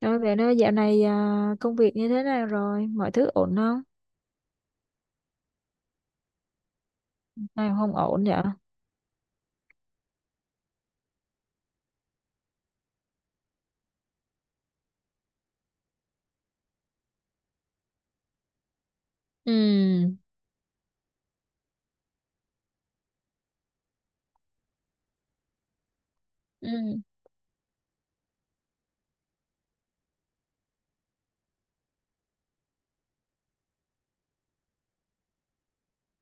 Nói về nó dạo này à, công việc như thế nào rồi? Mọi thứ ổn không? Nào không ổn vậy? Ừ, ừ,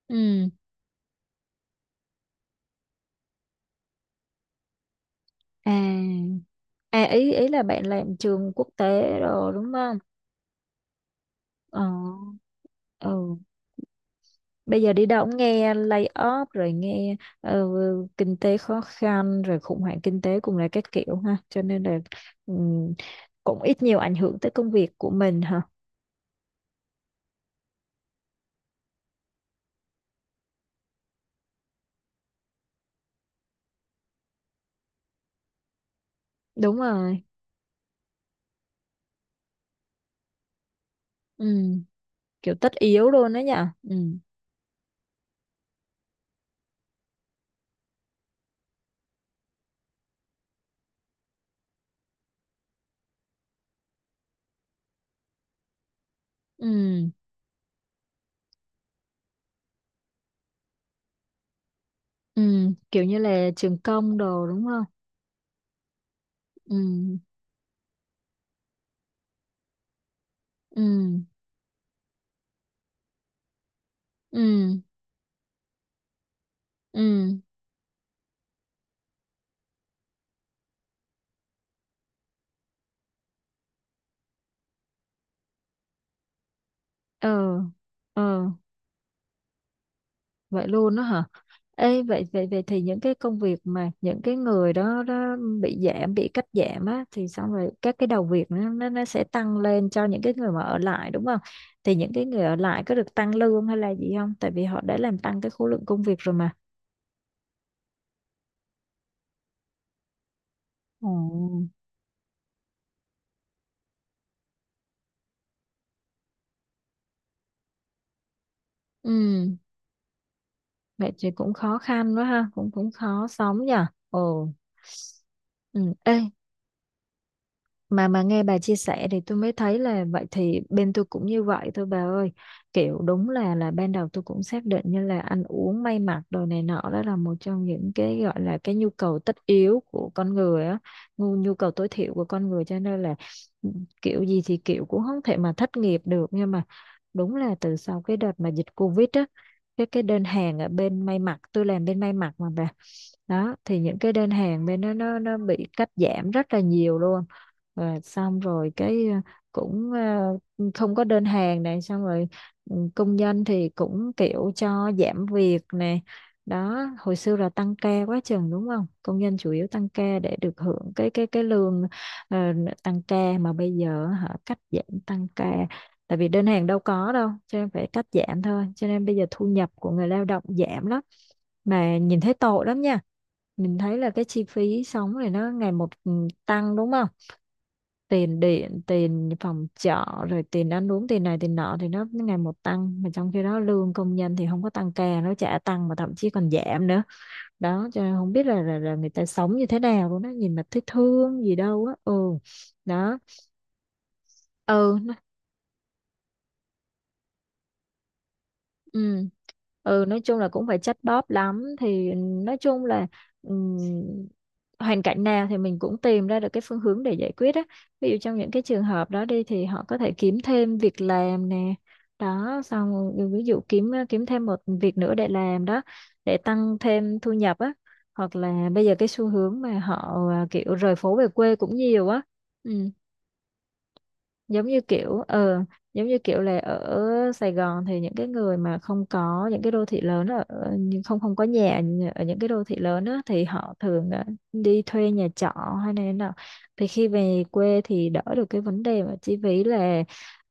ừ. À, à ý ý là bạn làm trường quốc tế rồi đúng không? Ờ, ừ. Bây giờ đi đâu cũng nghe lay off rồi nghe ờ, kinh tế khó khăn rồi khủng hoảng kinh tế cùng là các kiểu ha. Cho nên là ừ, cũng ít nhiều ảnh hưởng tới công việc của mình hả? Đúng rồi. Ừ, kiểu tất yếu luôn đó nhở? Ừ. Ừ. Ừ, kiểu như là trường công đồ đúng không? Ừ, ừ, ừ, ừ, ờ, ờ, vậy luôn đó hả? Ê, vậy vậy vậy thì những cái công việc mà những cái người đó đó bị giảm bị cắt giảm á, thì xong rồi các cái đầu việc nó sẽ tăng lên cho những cái người mà ở lại đúng không? Thì những cái người ở lại có được tăng lương hay là gì không? Tại vì họ đã làm tăng cái khối lượng công việc rồi mà. Ồ. Ừ, vậy thì cũng khó khăn quá ha, cũng cũng khó sống nhỉ. Ồ. Ừ. Ê, mà nghe bà chia sẻ thì tôi mới thấy là vậy thì bên tôi cũng như vậy thôi bà ơi. Kiểu đúng là ban đầu tôi cũng xác định như là ăn uống may mặc đồ này nọ đó là một trong những cái gọi là cái nhu cầu tất yếu của con người á, nhu cầu tối thiểu của con người, cho nên là ừ, kiểu gì thì kiểu cũng không thể mà thất nghiệp được. Nhưng mà đúng là từ sau cái đợt mà dịch Covid á, cái đơn hàng ở bên may mặc, tôi làm bên may mặc mà bà, đó thì những cái đơn hàng bên nó bị cắt giảm rất là nhiều luôn. Và xong rồi cái cũng ờ, không có đơn hàng này. Xong rồi công nhân thì cũng kiểu cho giảm việc này đó. Hồi xưa là tăng ca quá chừng đúng không, công nhân chủ yếu tăng ca để được hưởng cái cái lương ờ, tăng ca, mà bây giờ họ cắt giảm tăng ca, tại vì đơn hàng đâu có đâu cho nên phải cắt giảm thôi. Cho nên bây giờ thu nhập của người lao động giảm lắm, mà nhìn thấy tội lắm nha. Mình thấy là cái chi phí sống này nó ngày một tăng đúng không, tiền điện tiền phòng trọ rồi tiền ăn uống tiền này tiền nọ thì nó ngày một tăng, mà trong khi đó lương công nhân thì không có tăng ca, nó chả tăng mà thậm chí còn giảm nữa đó. Cho nên không biết là, là người ta sống như thế nào luôn đó, nhìn mà thấy thương gì đâu á. Ừ, đó. Ừ. Ừ. Ừ, nói chung là cũng phải chắt bóp lắm, thì nói chung là ừm, hoàn cảnh nào thì mình cũng tìm ra được cái phương hướng để giải quyết á. Ví dụ trong những cái trường hợp đó đi, thì họ có thể kiếm thêm việc làm nè, đó xong rồi ví dụ kiếm kiếm thêm một việc nữa để làm đó, để tăng thêm thu nhập á. Hoặc là bây giờ cái xu hướng mà họ kiểu rời phố về quê cũng nhiều á. Ừ, giống như kiểu là ở Sài Gòn thì những cái người mà không có những cái đô thị lớn ở ở- nhưng không không có nhà ở những cái đô thị lớn á, thì họ thường đi thuê nhà trọ hay này thế nào, thì khi về quê thì đỡ được cái vấn đề mà chi phí là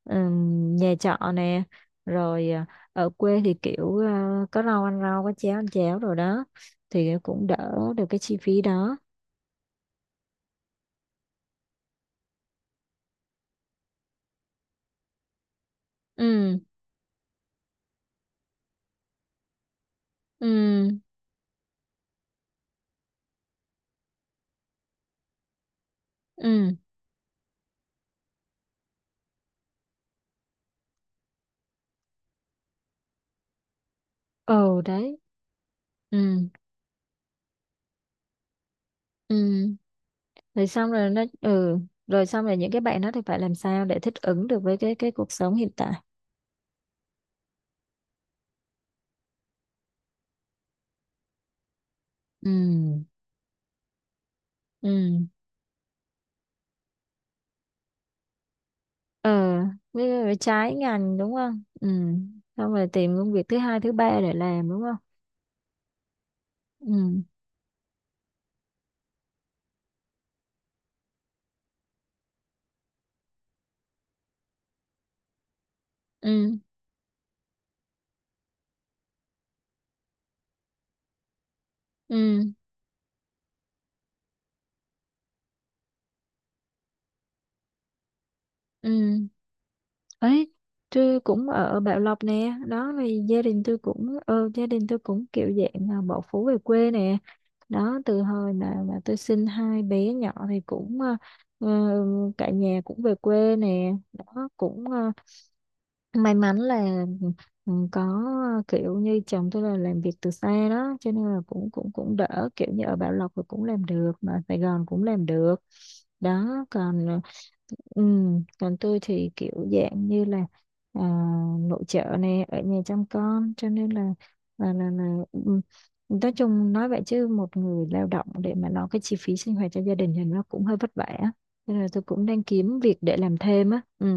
nhà trọ nè, rồi ở quê thì kiểu có rau ăn rau có cháo ăn cháo rồi đó, thì cũng đỡ được cái chi phí đó. Ừ, ừ, ừ, ừ, đấy, ừ, ừ, rồi xong rồi nó ừ, rồi xong rồi những cái bạn đó thì phải làm sao để thích ứng được với cái cuộc sống hiện tại. Ừ, ừ, ờ với trái ngành đúng không? Ừ, xong rồi tìm công việc thứ hai thứ ba để làm đúng không? Ừ, ừ, ừ, ừ, ấy, tôi cũng ở Bảo Lộc nè. Đó thì gia đình tôi cũng kiểu dạng là bỏ phố về quê nè. Đó từ hồi mà tôi sinh hai bé nhỏ thì cũng ờ, cả nhà cũng về quê nè. Đó cũng may mắn là có kiểu như chồng tôi là làm việc từ xa, đó cho nên là cũng cũng cũng đỡ, kiểu như ở Bảo Lộc thì cũng làm được mà Sài Gòn cũng làm được đó. Còn ừ, còn tôi thì kiểu dạng như là à, nội trợ nè, ở nhà chăm con, cho nên là là ừ, nói chung nói vậy chứ một người lao động để mà lo cái chi phí sinh hoạt cho gia đình thì nó cũng hơi vất vả, nên là tôi cũng đang kiếm việc để làm thêm á. Ừ.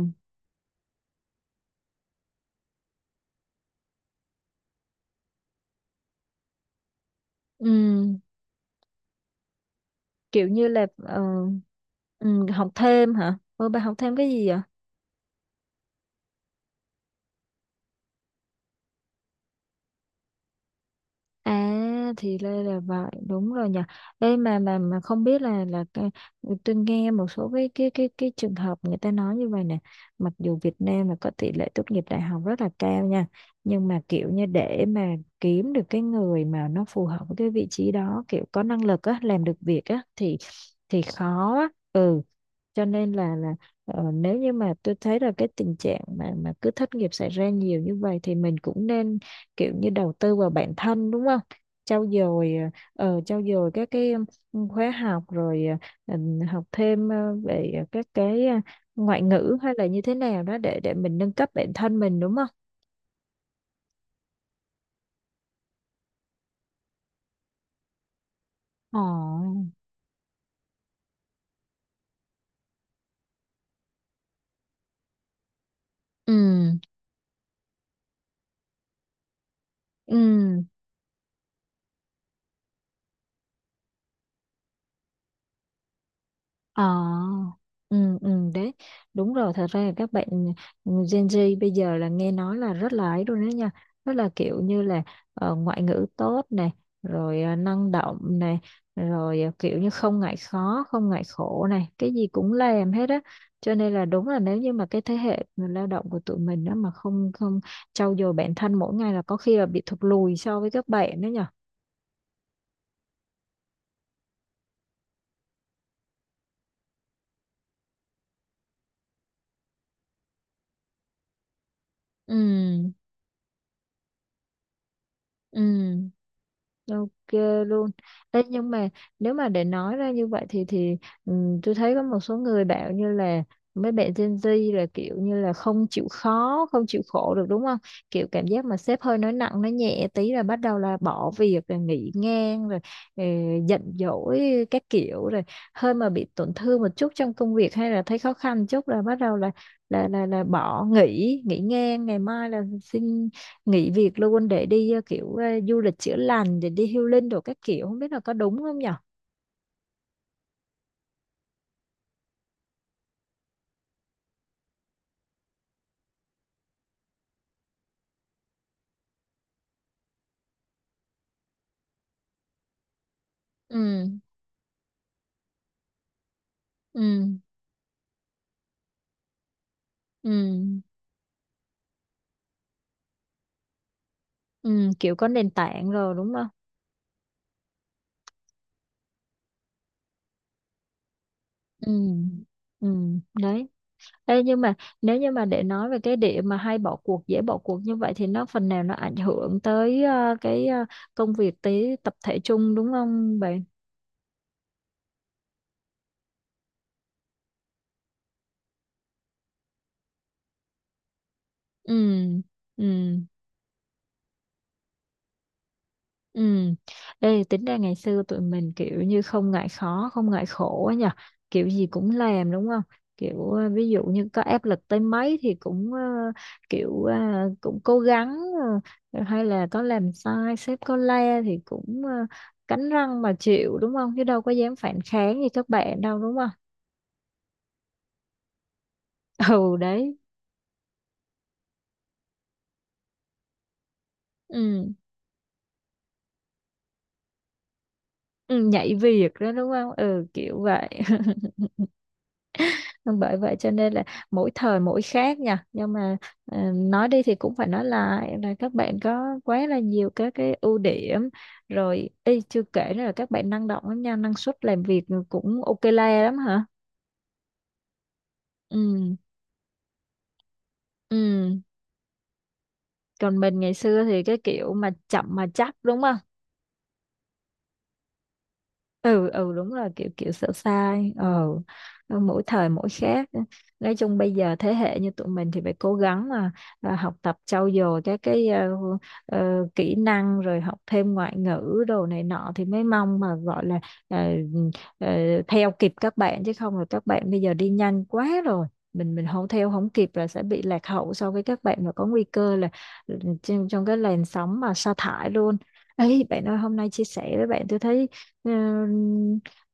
Ừ, kiểu như là học thêm hả? Ừ, bà học thêm cái gì vậy? À thì đây là vậy đúng rồi nhỉ. Đây mà không biết là cái- tôi nghe một số cái cái trường hợp người ta nói như vậy nè. Mặc dù Việt Nam là có tỷ lệ tốt nghiệp đại học rất là cao nha, nhưng mà kiểu như để mà kiếm được cái người mà nó phù hợp với cái vị trí đó, kiểu có năng lực á, làm được việc á, thì khó á. Ừ, cho nên là nếu như mà tôi thấy là cái tình trạng mà cứ thất nghiệp xảy ra nhiều như vậy, thì mình cũng nên kiểu như đầu tư vào bản thân đúng không, trau dồi trau dồi các cái khóa học, rồi ờ, học thêm về các cái ngoại ngữ hay là như thế nào đó, để mình nâng cấp bản thân mình đúng không? Ồ. Ừ, ừ. Ờ, ừ, ừ, đấy, đúng rồi, thật ra là các bạn Gen Z bây giờ là nghe nói là rất là ấy luôn đó nha, rất là kiểu như là ngoại ngữ tốt này, rồi năng động này, rồi kiểu như không ngại khó, không ngại khổ này, cái gì cũng làm hết á, cho nên là đúng là nếu như mà cái thế hệ người lao động của tụi mình đó mà không không trau dồi bản thân mỗi ngày là có khi là bị thụt lùi so với các bạn đó nhỉ. Ừ, ừ. Ok luôn. Đấy, nhưng mà nếu mà để nói ra như vậy thì tôi thấy có một số người bảo như là mấy bạn Gen Z là kiểu như là không chịu khó, không chịu khổ được đúng không? Kiểu cảm giác mà sếp hơi nói nặng nói nhẹ tí là bắt đầu là bỏ việc rồi nghỉ ngang rồi ờ, giận dỗi các kiểu, rồi hơi mà bị tổn thương một chút trong công việc hay là thấy khó khăn chút là bắt đầu là bỏ nghỉ, ngang, ngày mai là xin nghỉ việc luôn để đi du lịch chữa lành, để đi healing đồ các kiểu, không biết là có đúng không nhở? Ừ, ừ, ừ, ừ, kiểu có nền tảng rồi đúng không? Ừ, ừ, đấy. Ê, nhưng mà nếu như mà để nói về cái điểm mà hay bỏ cuộc dễ bỏ cuộc như vậy, thì nó phần nào nó ảnh hưởng tới cái công việc tới tập thể chung đúng không bạn? Ừ, ừ, ừ. Đây tính ra ngày xưa tụi mình kiểu như không ngại khó, không ngại khổ á nhờ. Kiểu gì cũng làm đúng không? Kiểu ví dụ như có áp lực tới mấy thì cũng kiểu ờ, cũng cố gắng, hay là có làm sai sếp có la thì cũng cắn răng mà chịu đúng không? Chứ đâu có dám phản kháng như các bạn đâu đúng không? Ừ đấy. Ừ. Ừ, nhảy việc đó đúng không? Ừ, kiểu vậy. Vâng, bởi vậy cho nên là mỗi thời mỗi khác nha, nhưng mà nói đi thì cũng phải nói lại là các bạn có quá là nhiều các cái ưu điểm, rồi y chưa kể nữa là các bạn năng động lắm nha, năng suất làm việc cũng ok la lắm hả. Ừ, ừ, còn mình ngày xưa thì cái kiểu mà chậm mà chắc đúng không. Ừ, ừ, đúng rồi, kiểu kiểu sợ sai. Ờ Mỗi thời mỗi khác, nói chung bây giờ thế hệ như tụi mình thì phải cố gắng mà học tập trau dồi các cái kỹ năng, rồi học thêm ngoại ngữ đồ này nọ thì mới mong mà gọi là ờ, ờ, theo kịp các bạn. Chứ không là các bạn bây giờ đi nhanh quá rồi, mình không theo không kịp là sẽ bị lạc hậu so với các bạn, mà có nguy cơ là trong, cái làn sóng mà sa thải luôn. Ấy bạn ơi, hôm nay chia sẻ với bạn tôi thấy Ờ,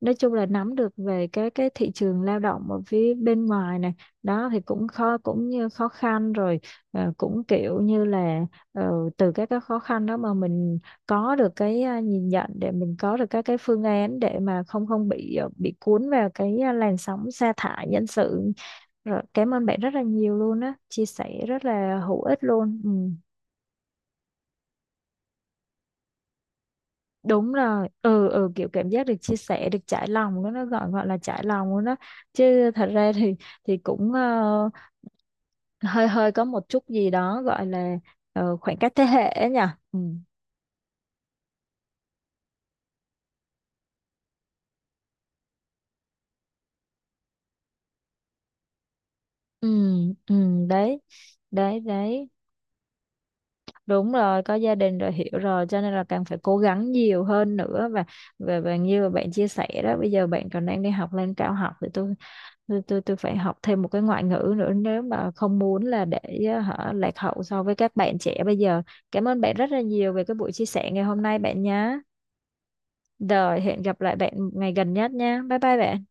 nói chung là nắm được về cái thị trường lao động ở phía bên ngoài này, đó thì cũng khó cũng như khó khăn rồi, cũng kiểu như là ờ, từ các cái khó khăn đó mà mình có được cái nhìn nhận để mình có được các cái phương án, để mà không không bị bị cuốn vào cái làn sóng sa thải nhân sự. Rồi, cảm ơn bạn rất là nhiều luôn á, chia sẻ rất là hữu ích luôn. Ừ. Đúng rồi. Ừ, ừ, kiểu cảm giác được chia sẻ được trải lòng đó, nó gọi gọi là trải lòng luôn đó. Chứ thật ra thì cũng hơi hơi có một chút gì đó gọi là khoảng cách thế hệ ấy nhỉ. Ừ. Ừ, ừ, đấy, đấy, đấy, đúng rồi, có gia đình rồi hiểu rồi, cho nên là càng phải cố gắng nhiều hơn nữa, và như mà bạn chia sẻ đó, bây giờ bạn còn đang đi học lên cao học, thì tôi phải học thêm một cái ngoại ngữ nữa, nếu mà không muốn là để hả lạc hậu so với các bạn trẻ bây giờ. Cảm ơn bạn rất là nhiều về cái buổi chia sẻ ngày hôm nay bạn nhé, rồi hẹn gặp lại bạn ngày gần nhất nha, bye bye bạn.